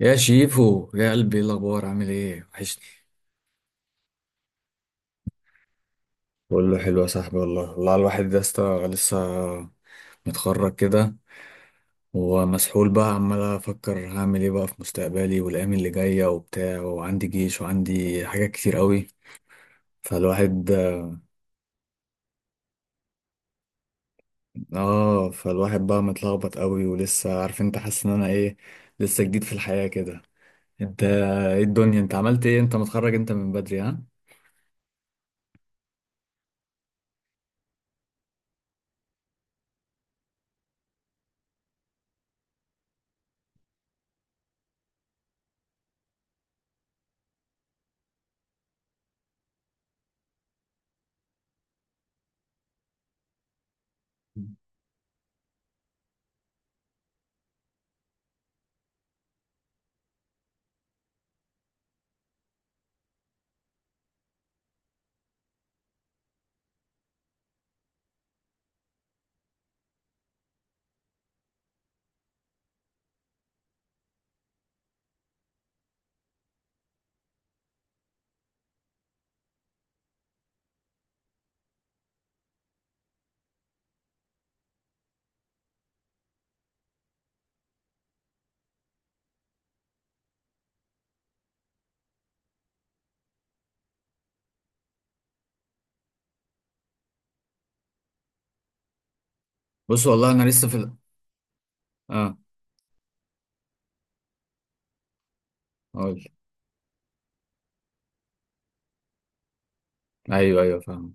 يا شيفو يا قلبي، ايه الاخبار؟ عامل ايه؟ وحشني. بقول له حلو يا صاحبي. والله والله الواحد يا اسطى لسه متخرج كده، ومسحول بقى، عمال افكر هعمل ايه بقى في مستقبلي والايام اللي جايه وبتاع، وعندي جيش وعندي حاجات كتير قوي. فالواحد، اه، فالواحد بقى متلخبط قوي، ولسه عارف انت، حاسس ان انا ايه، لسه جديد في الحياه كده. انت ايه الدنيا؟ انت عملت ايه؟ انت متخرج انت من بدري؟ ها. بص والله انا لسه في ال... اه، اقول، ايوه ايوه فاهم.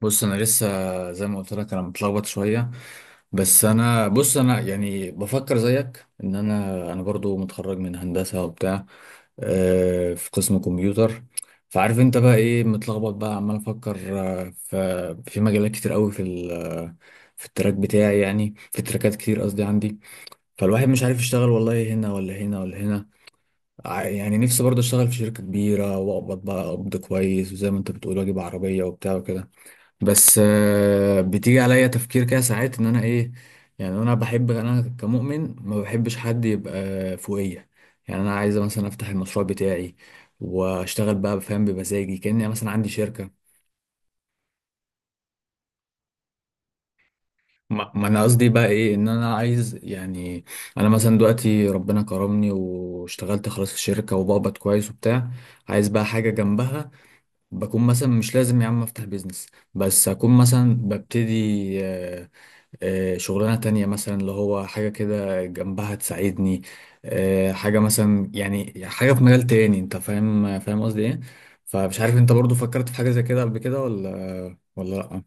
بص انا لسه زي ما قلت لك انا متلخبط شويه. بس انا، بص، انا يعني بفكر زيك. ان انا برضو متخرج من هندسه وبتاع، في قسم كمبيوتر. فعارف انت بقى ايه، متلخبط بقى، عمال افكر في مجالات كتير قوي في ال- في التراك بتاعي، يعني في تراكات كتير قصدي عندي. فالواحد مش عارف يشتغل والله هنا ولا هنا ولا هنا. ع- يعني نفسي برضه اشتغل في شركه كبيره واقبض بقى قبض كويس، وزي ما انت بتقول واجيب عربيه وبتاع وكده. بس بتيجي عليا تفكير كده ساعات ان انا ايه، يعني انا بحب، انا كمؤمن ما بحبش حد يبقى فوقية. يعني انا عايز مثلا افتح المشروع بتاعي واشتغل بقى، فاهم، بمزاجي، كأني مثلا عندي شركة. ما انا قصدي بقى ايه، ان انا عايز يعني، انا مثلا دلوقتي ربنا كرمني واشتغلت خلاص في الشركة وبقبض كويس وبتاع، عايز بقى حاجة جنبها، بكون مثلا مش لازم يا عم افتح بيزنس، بس اكون مثلا ببتدي آه، شغلانة تانية مثلا، اللي هو حاجة كده جنبها تساعدني، حاجة مثلا، يعني حاجة في مجال تاني. انت فاهم، فاهم قصدي ايه؟ فمش عارف انت برضو فكرت في حاجة زي كده قبل كده ولا لأ.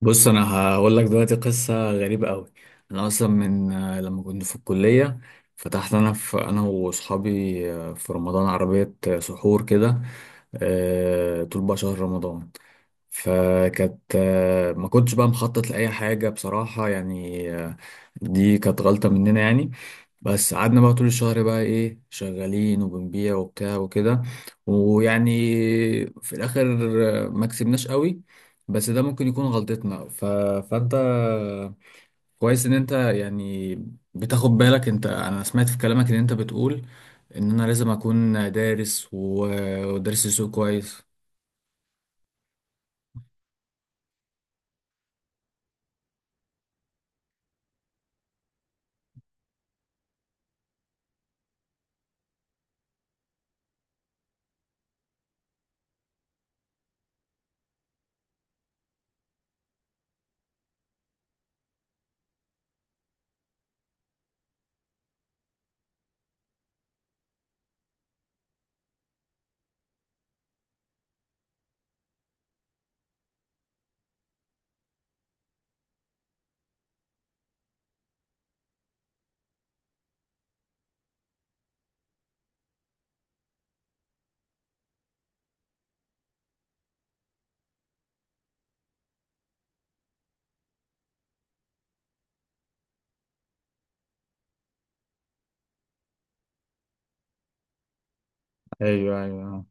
بص انا هقول لك دلوقتي قصة غريبة قوي. انا اصلا من لما كنت في الكلية، فتحت انا، انا واصحابي، في رمضان، عربية سحور كده، طول بقى شهر رمضان. فكانت ما كنتش بقى مخطط لأي حاجة بصراحة، يعني دي كانت غلطة مننا يعني. بس قعدنا بقى طول الشهر بقى ايه شغالين وبنبيع وبتاع وكده، ويعني في الآخر ما كسبناش قوي. بس ده ممكن يكون غلطتنا. ف... فأنت كويس إن أنت يعني بتاخد بالك. أنت، أنا سمعت في كلامك إن أنت بتقول إن أنا لازم أكون دارس و- ودارس السوق كويس. ايوه ايوه.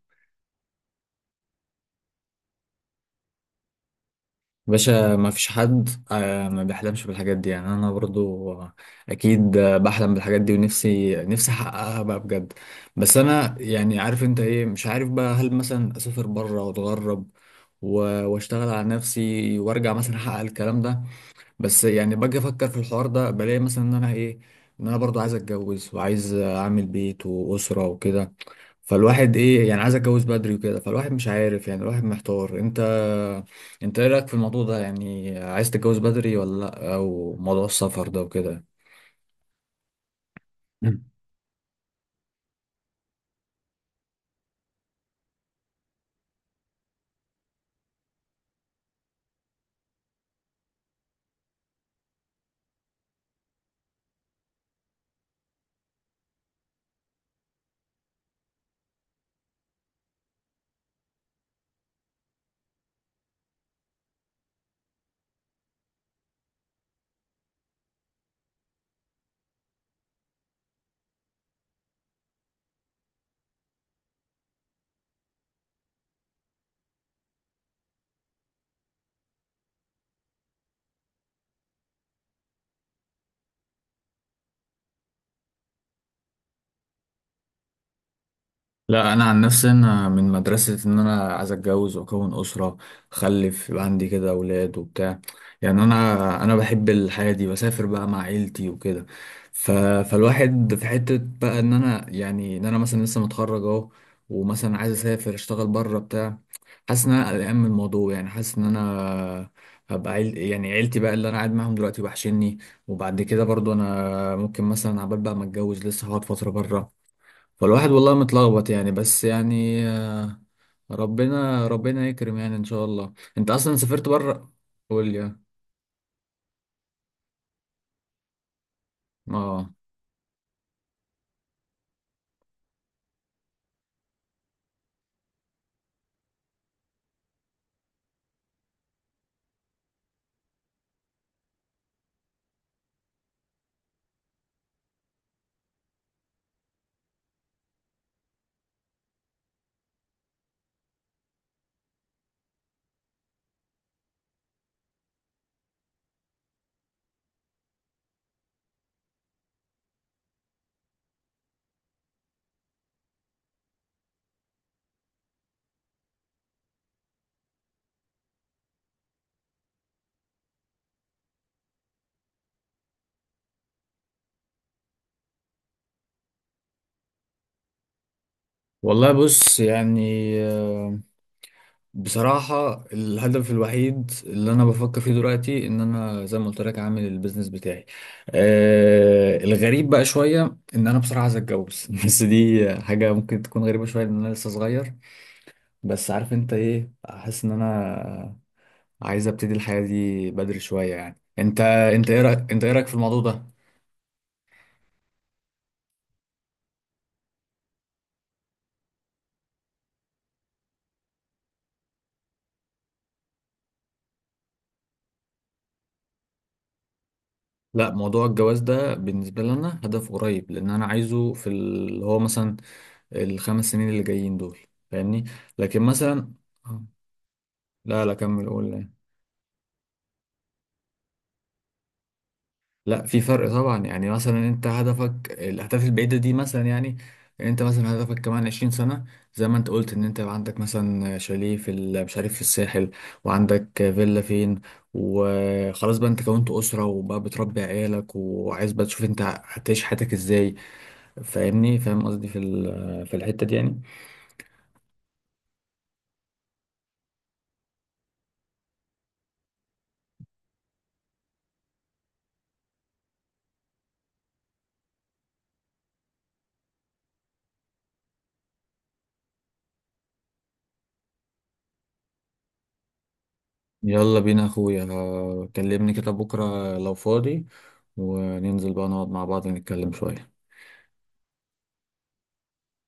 باشا ما فيش حد ما بيحلمش بالحاجات دي، يعني انا برضو اكيد بحلم بالحاجات دي، ونفسي نفسي احققها بقى بجد. بس انا يعني عارف انت ايه، مش عارف بقى هل مثلا اسافر بره واتغرب و- واشتغل على نفسي وارجع مثلا احقق الكلام ده. بس يعني باجي افكر في الحوار ده بلاقي مثلا ان انا ايه، ان انا برضو عايز اتجوز، وعايز اعمل بيت واسرة وكده. فالواحد ايه، يعني عايز اتجوز بدري وكده. فالواحد مش عارف يعني، الواحد محتار. انت انت ايه رايك في الموضوع ده؟ يعني عايز تتجوز بدري ولا لا؟ او موضوع السفر ده وكده. مم. لا انا عن نفسي انا من مدرسه ان انا عايز اتجوز واكون اسره، اخلف يبقى عندي كده اولاد وبتاع. يعني انا بحب الحياه دي، بسافر بقى مع عيلتي وكده. ف... فالواحد في حته بقى ان انا يعني، ان انا مثلا لسه متخرج اهو، ومثلا عايز اسافر اشتغل بره بتاع، حاسس ان انا قلقان من الموضوع، يعني حاسس ان انا هبقى عيل، يعني عيلتي بقى اللي انا قاعد معاهم دلوقتي وحشني. وبعد كده برضو انا ممكن مثلا، عبال بقى ما اتجوز، لسه هقعد فتره بره. فالواحد والله متلخبط يعني، بس يعني ربنا يكرم يعني ان شاء الله. انت اصلا سافرت بره؟ قول لي. اه والله. بص يعني بصراحة الهدف الوحيد اللي أنا بفكر فيه دلوقتي إن أنا زي ما قلت لك عامل البيزنس بتاعي. آه، الغريب بقى شوية إن أنا بصراحة عايز أتجوز بس دي حاجة ممكن تكون غريبة شوية، لأن أنا لسه صغير. بس عارف أنت إيه، أحس إن أنا عايز أبتدي الحياة دي بدري شوية يعني. أنت أنت إيه رأيك، أنت إيه رأيك في الموضوع ده؟ لا، موضوع الجواز ده بالنسبة لي أنا هدف قريب، لأن أنا عايزه في اللي هو مثلا الخمس سنين اللي جايين دول. فاهمني؟ لكن مثلا، آه. لا لا، كمل قول لي. لا، في فرق طبعا. يعني مثلا انت هدفك الاهداف البعيده دي، مثلا يعني انت مثلا هدفك كمان 20 سنه، زي ما انت قلت ان انت يبقى عندك مثلا شاليه في ال- مش عارف في الساحل، وعندك فيلا فين، وخلاص بقى انت كونت اسره وبقى بتربي عيالك، وعايز بقى تشوف انت هتعيش حياتك ازاي. فاهمني؟ فاهم قصدي في ال- في الحته دي يعني. يلا بينا يا اخويا. كلمني كده بكره لو فاضي، وننزل بقى نقعد مع بعض نتكلم شويه.